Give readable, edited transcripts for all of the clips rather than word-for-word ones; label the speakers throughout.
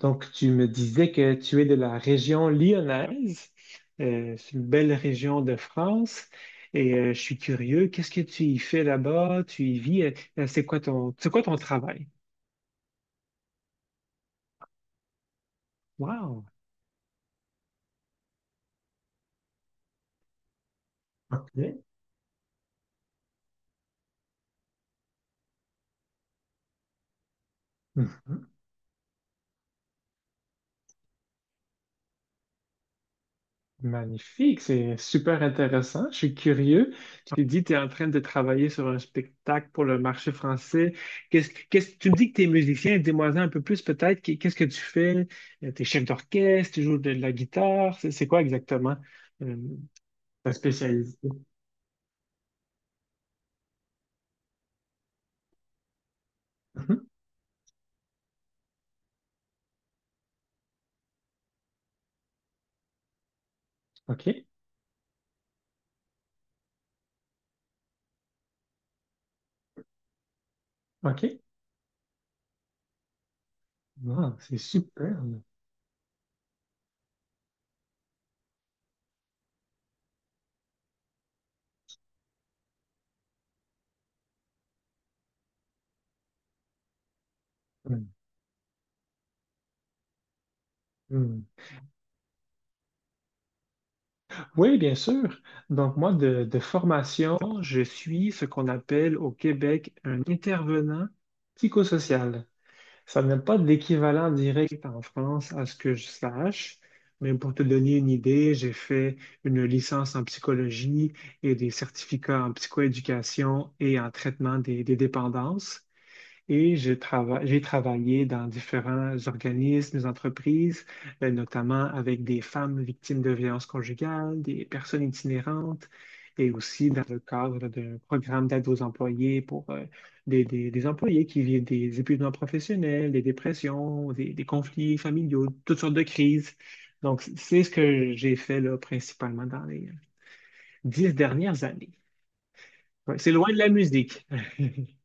Speaker 1: Donc, tu me disais que tu es de la région lyonnaise. C'est une belle région de France. Et je suis curieux, qu'est-ce que tu y fais là-bas? Tu y vis? C'est quoi ton travail? Wow! OK. Mhm. Magnifique, c'est super intéressant. Je suis curieux. Tu te dis que tu es en train de travailler sur un spectacle pour le marché français. Tu me dis que tu es musicien, dis-moi un peu plus peut-être. Qu'est-ce que tu fais? T'es chef d'orchestre, tu joues de la guitare. C'est quoi exactement euh, ta spécialité? Mhm. OK, OK. Wow, c'est super. Mm. Mm. Oui, bien sûr. Donc, moi, de formation, je suis ce qu'on appelle au Québec un intervenant psychosocial. Ça n'a pas d'équivalent direct en France, à ce que je sache, mais pour te donner une idée, j'ai fait une licence en psychologie et des certificats en psychoéducation et en traitement des dépendances. J'ai travaillé dans différents organismes, entreprises, notamment avec des femmes victimes de violences conjugales, des personnes itinérantes, et aussi dans le cadre d'un programme d'aide aux employés pour des, des employés qui vivent des épuisements professionnels, des dépressions, des conflits familiaux, toutes sortes de crises. Donc, c'est ce que j'ai fait là, principalement dans les 10 dernières années. Ouais, c'est loin de la musique.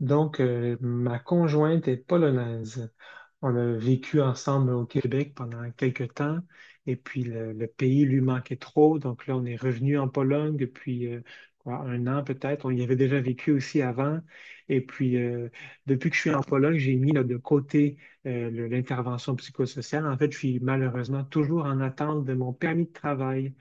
Speaker 1: Donc, ma conjointe est polonaise. On a vécu ensemble au Québec pendant quelques temps, et puis le pays lui manquait trop. Donc là, on est revenu en Pologne depuis quoi, 1 an peut-être. On y avait déjà vécu aussi avant. Et puis, depuis que je suis en Pologne, j'ai mis là, de côté l'intervention psychosociale. En fait, je suis malheureusement toujours en attente de mon permis de travail.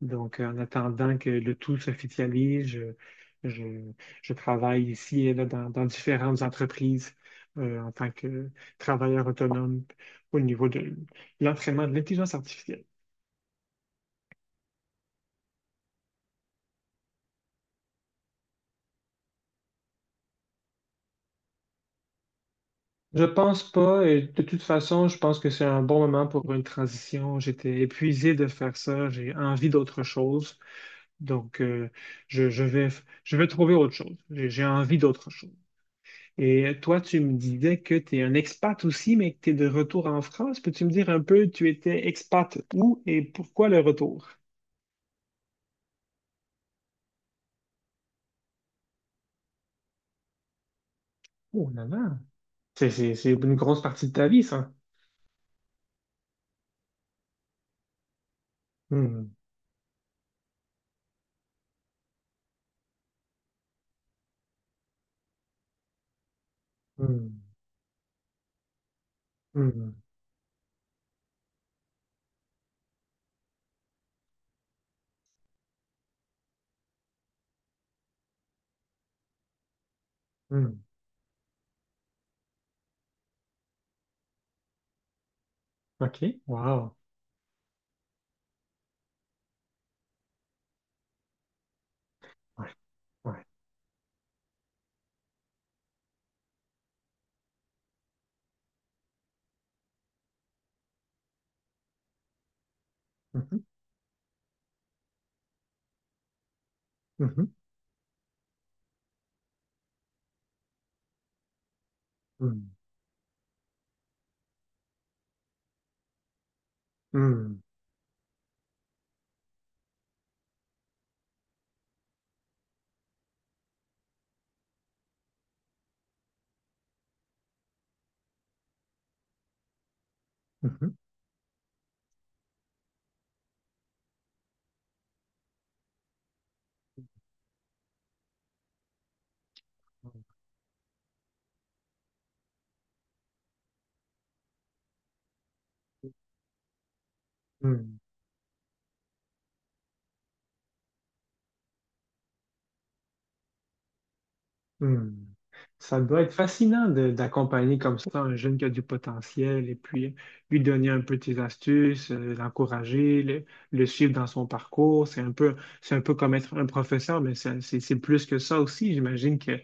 Speaker 1: Donc, en attendant que le tout s'officialise, je, je travaille ici et là dans différentes entreprises en tant que travailleur autonome au niveau de l'entraînement de l'intelligence artificielle. Je pense pas, et de toute façon, je pense que c'est un bon moment pour une transition. J'étais épuisé de faire ça, j'ai envie d'autre chose. Donc, je, je vais, je vais trouver autre chose. J'ai envie d'autre chose. Et toi, tu me disais que tu es un expat aussi, mais que tu es de retour en France. Peux-tu me dire un peu, tu étais expat où et pourquoi le retour? Oh là là, c'est une grosse partie de ta vie, ça. Hmm, hmm, hmm, hmm. OK, wow. Ouais, ouais. Mhm, mhm, hmm, hmm, mhm, hmm. Hmm. Ça doit être fascinant d'accompagner comme ça un jeune qui a du potentiel et puis lui donner un peu tes astuces, l'encourager, le suivre dans son parcours. C'est un peu comme être un professeur, mais c'est plus que ça aussi. J'imagine que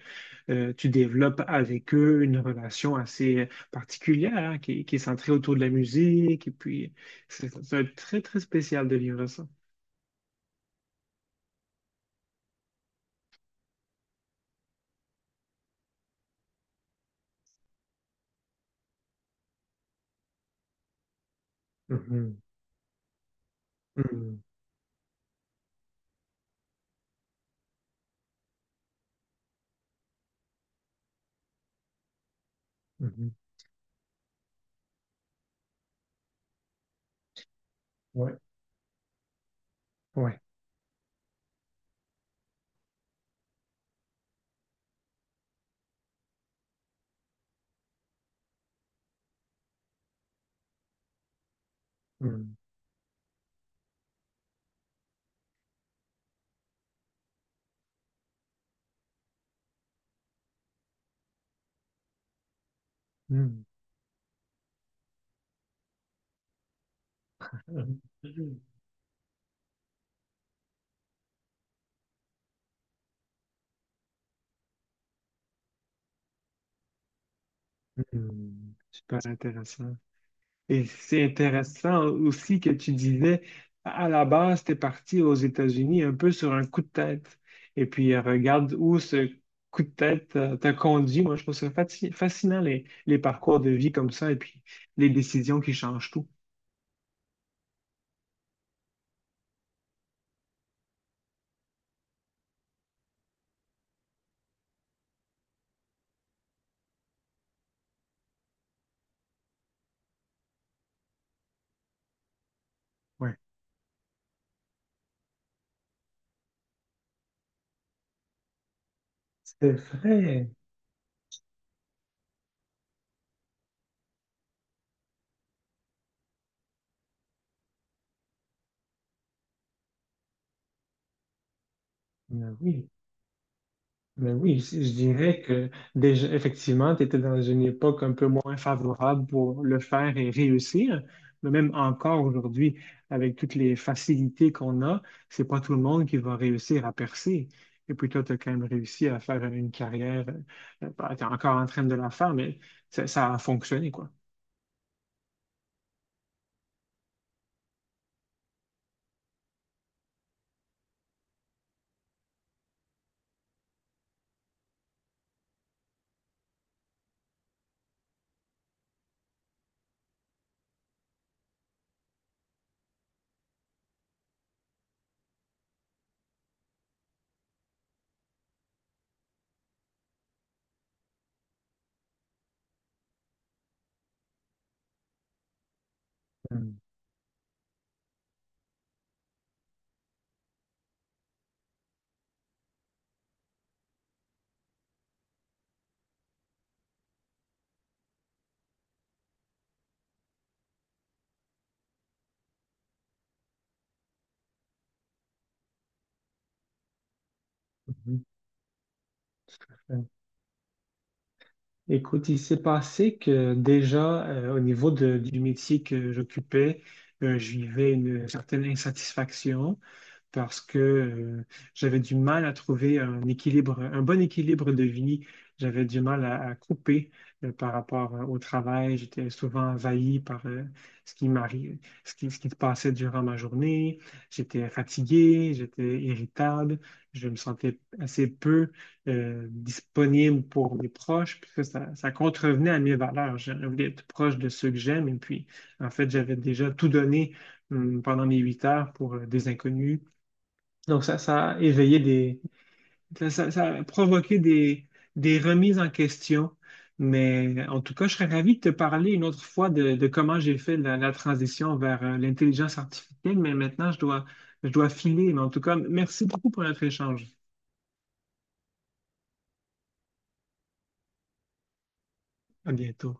Speaker 1: tu développes avec eux une relation assez particulière hein, qui est centrée autour de la musique. Et puis, c'est ça doit être très, très spécial de vivre ça. Mhm. Mhm. Mhm. Ouais, ouais. Mhm. Mhm. Hmm, super intéressant. Et c'est intéressant aussi que tu disais, à la base, tu es parti aux États-Unis un peu sur un coup de tête. Et puis, regarde où ce coup de tête t'a conduit. Moi, je trouve ça fascinant, les parcours de vie comme ça et puis les décisions qui changent tout. Ouais. C'est vrai. Ben oui. Ben oui, je dirais que déjà, effectivement, tu étais dans une époque un peu moins favorable pour le faire et réussir. Mais même encore aujourd'hui, avec toutes les facilités qu'on a, c'est pas tout le monde qui va réussir à percer. Et puis toi, tu as quand même réussi à faire une carrière. Tu es encore en train de la faire, mais ça a fonctionné, quoi. Mm. Mhm. Euh, Écoute, il s'est passé que déjà, au niveau du métier que j'occupais, je vivais une certaine insatisfaction. Parce que j'avais du mal à trouver un équilibre, un bon équilibre de vie. J'avais du mal à couper par rapport au travail. J'étais souvent envahi par ce qui m'arrive, ce qui se passait durant ma journée. J'étais fatigué, j'étais irritable, je me sentais assez peu disponible pour mes proches. Puis ça contrevenait à mes valeurs. Je voulais être proche de ceux que j'aime. Et puis, en fait, j'avais déjà tout donné pendant mes 8 heures pour des inconnus donc, ça a éveillé des. Ça a provoqué des remises en question. Mais en tout cas, je serais ravi de te parler une autre fois de comment j'ai fait la transition vers l'intelligence artificielle. Mais maintenant, je dois filer. Mais en tout cas, merci beaucoup pour notre échange. À bientôt.